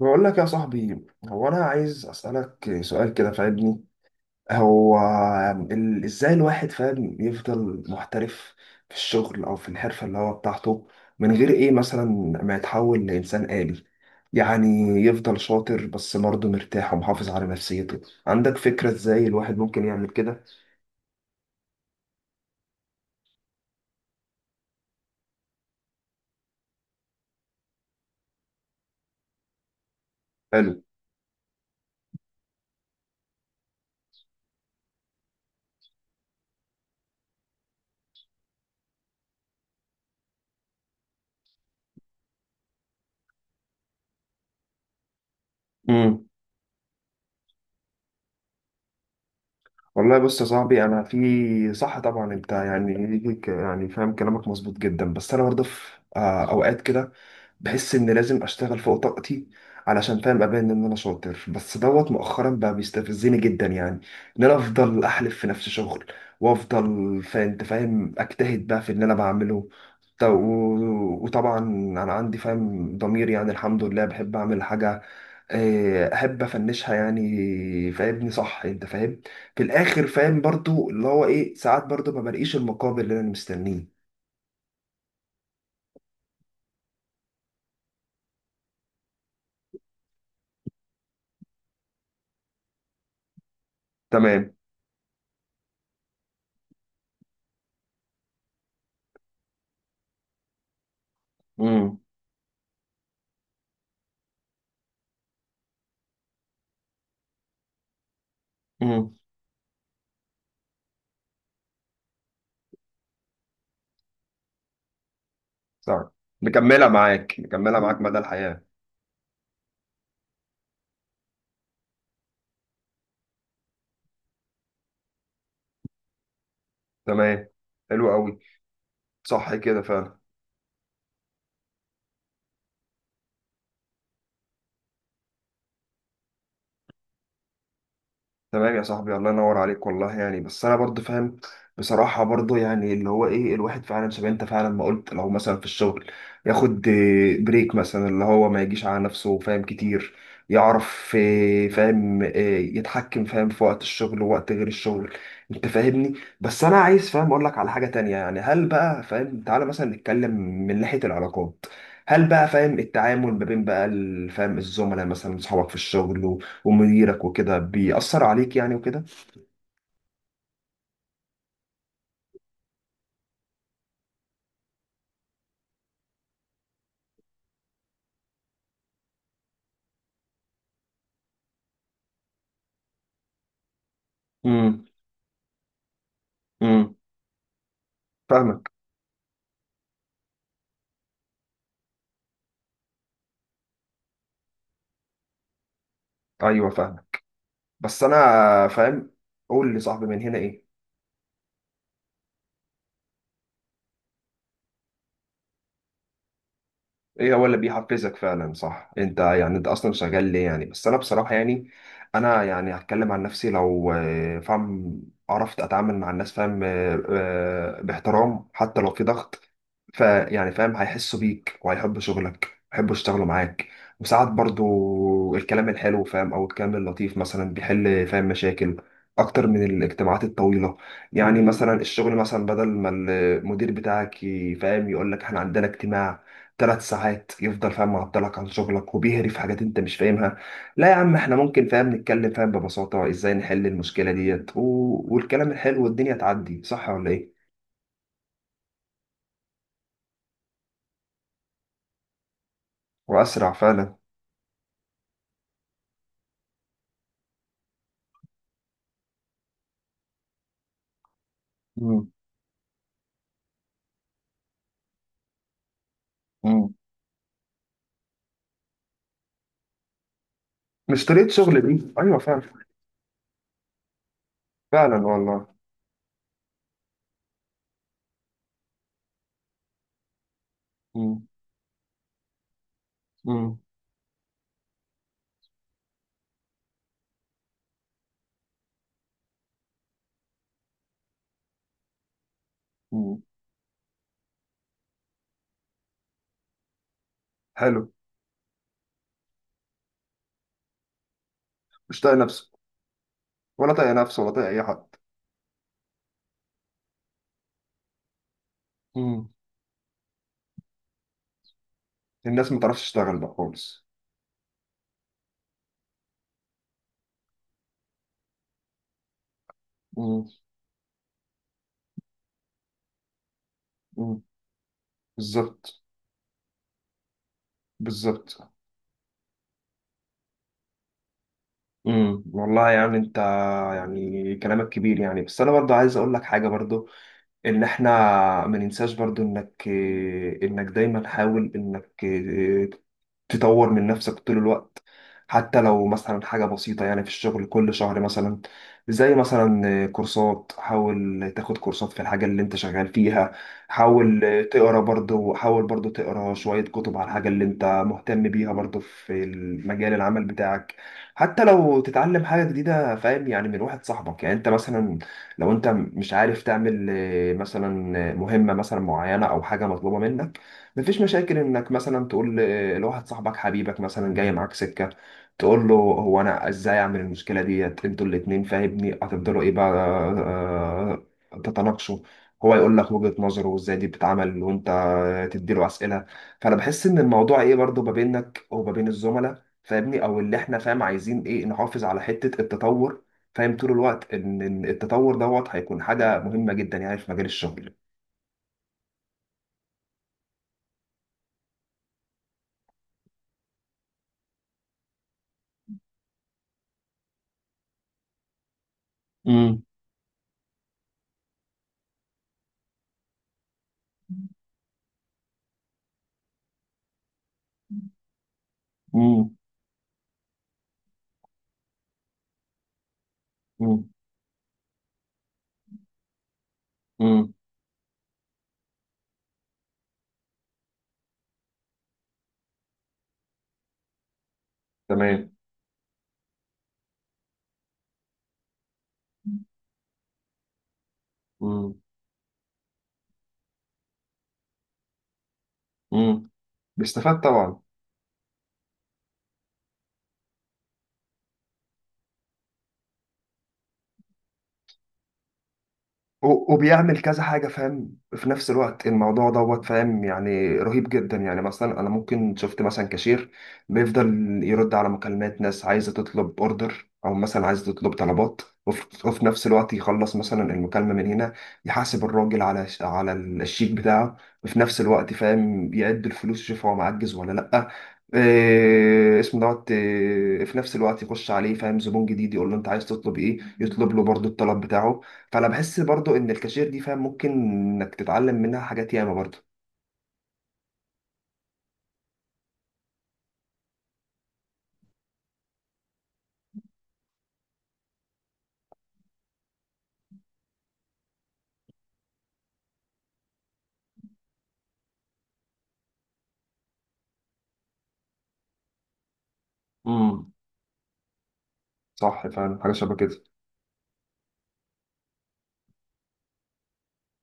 بقول لك يا صاحبي، هو انا عايز اسالك سؤال كده، فاهمني؟ هو ازاي الواحد فاهم يفضل محترف في الشغل او في الحرفه اللي هو بتاعته، من غير ايه مثلا ما يتحول لانسان آلي؟ يعني يفضل شاطر بس برضه مرتاح ومحافظ على نفسيته. عندك فكره ازاي الواحد ممكن يعمل كده؟ حلو. امم والله بص يا صاحبي، انا في صح طبعا انت يعني، فاهم كلامك مظبوط جدا. بس انا برضه في اوقات كده بحس ان لازم اشتغل فوق طاقتي علشان فاهم ابان ان انا شاطر، بس دوت مؤخرا بقى بيستفزني جدا، يعني ان انا افضل احلف في نفس شغل وافضل فانت فاهم اجتهد بقى في اللي انا بعمله. وطبعا انا عندي فاهم ضمير، يعني الحمد لله بحب اعمل حاجه، احب افنشها يعني، فاهمني؟ صح انت فاهم في الاخر، فاهم برضو اللي هو ايه، ساعات برضو ما بلاقيش المقابل اللي انا مستنيه. تمام. امم صح. مكملة معاك، مكملة معاك مدى الحياة. تمام، حلو قوي. صح كده فعلا. تمام يا صاحبي، الله ينور عليك والله، يعني بس انا برضو فاهم بصراحة برضو، يعني اللي هو ايه، الواحد فعلا شبه انت فعلا ما قلت، لو مثلا في الشغل ياخد بريك مثلا، اللي هو ما يجيش على نفسه، فاهم كتير، يعرف فاهم يتحكم فاهم في وقت الشغل ووقت غير الشغل، انت فاهمني؟ بس انا عايز فاهم اقول لك على حاجة تانية، يعني هل بقى فاهم تعالى مثلا نتكلم من ناحية العلاقات، هل بقى فاهم التعامل ما بين بقى فاهم الزملاء مثلا، اصحابك في الشغل ومديرك وكده بيأثر عليك يعني وكده؟ امم امم فاهمك. ايوه فاهمك. بس انا فاهم، قول لي صاحبي من هنا ايه. ايه هو اللي بيحفزك فعلا؟ صح انت يعني، انت اصلا شغال ليه يعني؟ بس انا بصراحه يعني، انا يعني هتكلم عن نفسي، لو فاهم عرفت اتعامل مع الناس فاهم باحترام حتى لو في ضغط، فيعني فاهم هيحسوا بيك وهيحبوا شغلك، هيحبوا يشتغلوا معاك. وساعات برضو الكلام الحلو فاهم او الكلام اللطيف مثلا بيحل فاهم مشاكل اكتر من الاجتماعات الطويله، يعني مثلا الشغل مثلا، بدل ما المدير بتاعك فاهم يقول لك احنا عندنا اجتماع ثلاث ساعات، يفضل فاهم معطلك عن شغلك وبيهري في حاجات انت مش فاهمها، لا يا عم احنا ممكن فاهم نتكلم فاهم ببساطة ازاي نحل المشكلة ديت، والكلام الحلو والدنيا تعدي، صح ولا ايه؟ واسرع فعلا. مم. مم. مش طريقة شغل دي، ايوه فعلا. فعلا والله. مم. مم. مم. حلو. مش طايق نفسه، ولا طايق نفسه ولا طايق اي حد. مم. الناس ما تعرفش تشتغل بقى خالص. مم. مم. بالظبط، بالظبط. والله، يعني انت يعني كلامك كبير يعني، بس انا برضو عايز اقول لك حاجه برضو، ان احنا ما ننساش برضو انك دايما حاول تطور من نفسك طول الوقت، حتى لو مثلا حاجة بسيطة، يعني في الشغل كل شهر مثلا زي مثلا كورسات، حاول تاخد كورسات في الحاجة اللي انت شغال فيها، حاول تقرا برضو، حاول برضو تقرا شوية كتب على الحاجة اللي انت مهتم بيها برضو في مجال العمل بتاعك. حتى لو تتعلم حاجة جديدة فاهم، يعني من واحد صاحبك، يعني انت مثلا لو انت مش عارف تعمل مثلا مهمة مثلا معينة او حاجة مطلوبة منك، مفيش مشاكل انك مثلا تقول لواحد صاحبك حبيبك مثلا، جاي معاك سكة، تقول له هو انا ازاي اعمل المشكلة ديت، انتوا الاتنين فاهمني هتفضلوا ايه بقى تتناقشوا، هو يقول لك وجهة نظره وازاي دي بتتعمل، وانت تديله اسئلة. فانا بحس ان الموضوع ايه، برضو ما بينك وما بين الزملاء فاهمني، او اللي احنا فاهم عايزين ايه نحافظ على حتة التطور فاهم طول الوقت، إن التطور دوت هيكون حاجه مهمه جدا يعني في مجال الشغل. امم امم امم امم تمام. امم امم بيستفاد طبعا. وبيعمل كذا حاجة فاهم في نفس الوقت، الموضوع دوت فاهم يعني رهيب جدا، يعني مثلا أنا ممكن شفت مثلا كاشير بيفضل يرد على مكالمات ناس عايزة تطلب أوردر، أو مثلا عايزة تطلب طلبات، وفي نفس الوقت يخلص مثلا المكالمة من هنا، يحاسب الراجل على على الشيك بتاعه، وفي نفس الوقت فاهم يعد الفلوس يشوف هو معجز ولا لأ، إيه اسمه دوت، إيه في نفس الوقت يخش عليه فاهم زبون جديد يقول له انت عايز تطلب ايه، يطلب له برضو الطلب بتاعه. فانا بحس برضو ان الكاشير دي فاهم ممكن انك تتعلم منها حاجات ياما برضو. امم صح فعلا، حاجه شبه كده.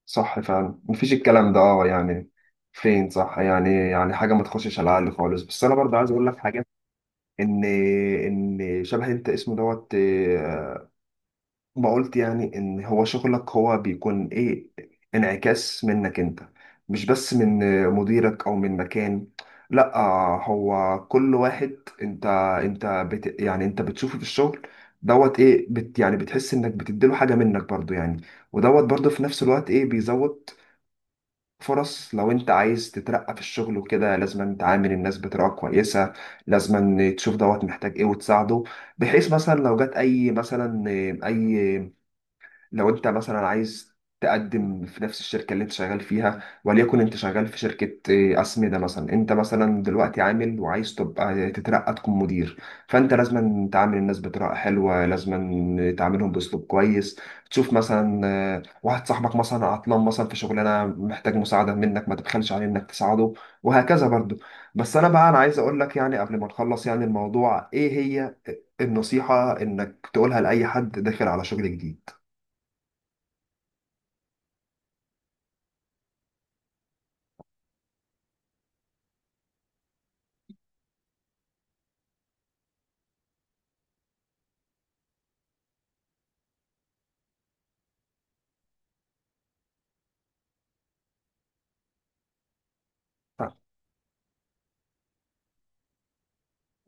صح فعلا، مفيش الكلام ده يعني. فين، صح يعني، يعني حاجه ما تخشش على العقل خالص. بس انا برضو عايز اقول لك حاجه، ان ان شبه انت اسمه دوت ما قلت، يعني ان هو شغلك هو بيكون ايه انعكاس منك انت، مش بس من مديرك او من مكان، لا، هو كل واحد انت انت بت يعني، انت بتشوفه في الشغل دوت ايه، بت يعني بتحس انك بتديله حاجة منك برضو يعني، ودوت برضو في نفس الوقت ايه بيزود فرص. لو انت عايز تترقى في الشغل وكده لازم تعامل الناس بطريقة كويسة، لازم تشوف دوت محتاج ايه وتساعده، بحيث مثلا لو جت اي مثلا اي لو انت مثلا عايز تقدم في نفس الشركة اللي انت شغال فيها، وليكن انت شغال في شركة اه، أسمدة مثلا، انت مثلا دلوقتي عامل وعايز تبقى تترقى تكون مدير، فانت لازم تعامل الناس بطريقة حلوة، لازم تعاملهم بأسلوب كويس، تشوف مثلا اه، واحد صاحبك مثلا عطلان مثلا في شغلانة محتاج مساعدة منك، ما تبخلش عليه انك تساعده، وهكذا برضو. بس انا بقى، انا عايز اقول لك يعني قبل ما نخلص يعني، الموضوع ايه هي النصيحة انك تقولها لأي حد داخل على شغل جديد؟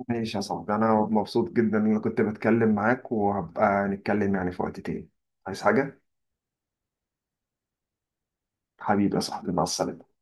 ماشي يا صاحبي، أنا مبسوط جدا إن أنا كنت بتكلم معاك، وهبقى نتكلم يعني في وقت تاني. عايز حاجة؟ حبيبي يا صاحبي، مع السلامة.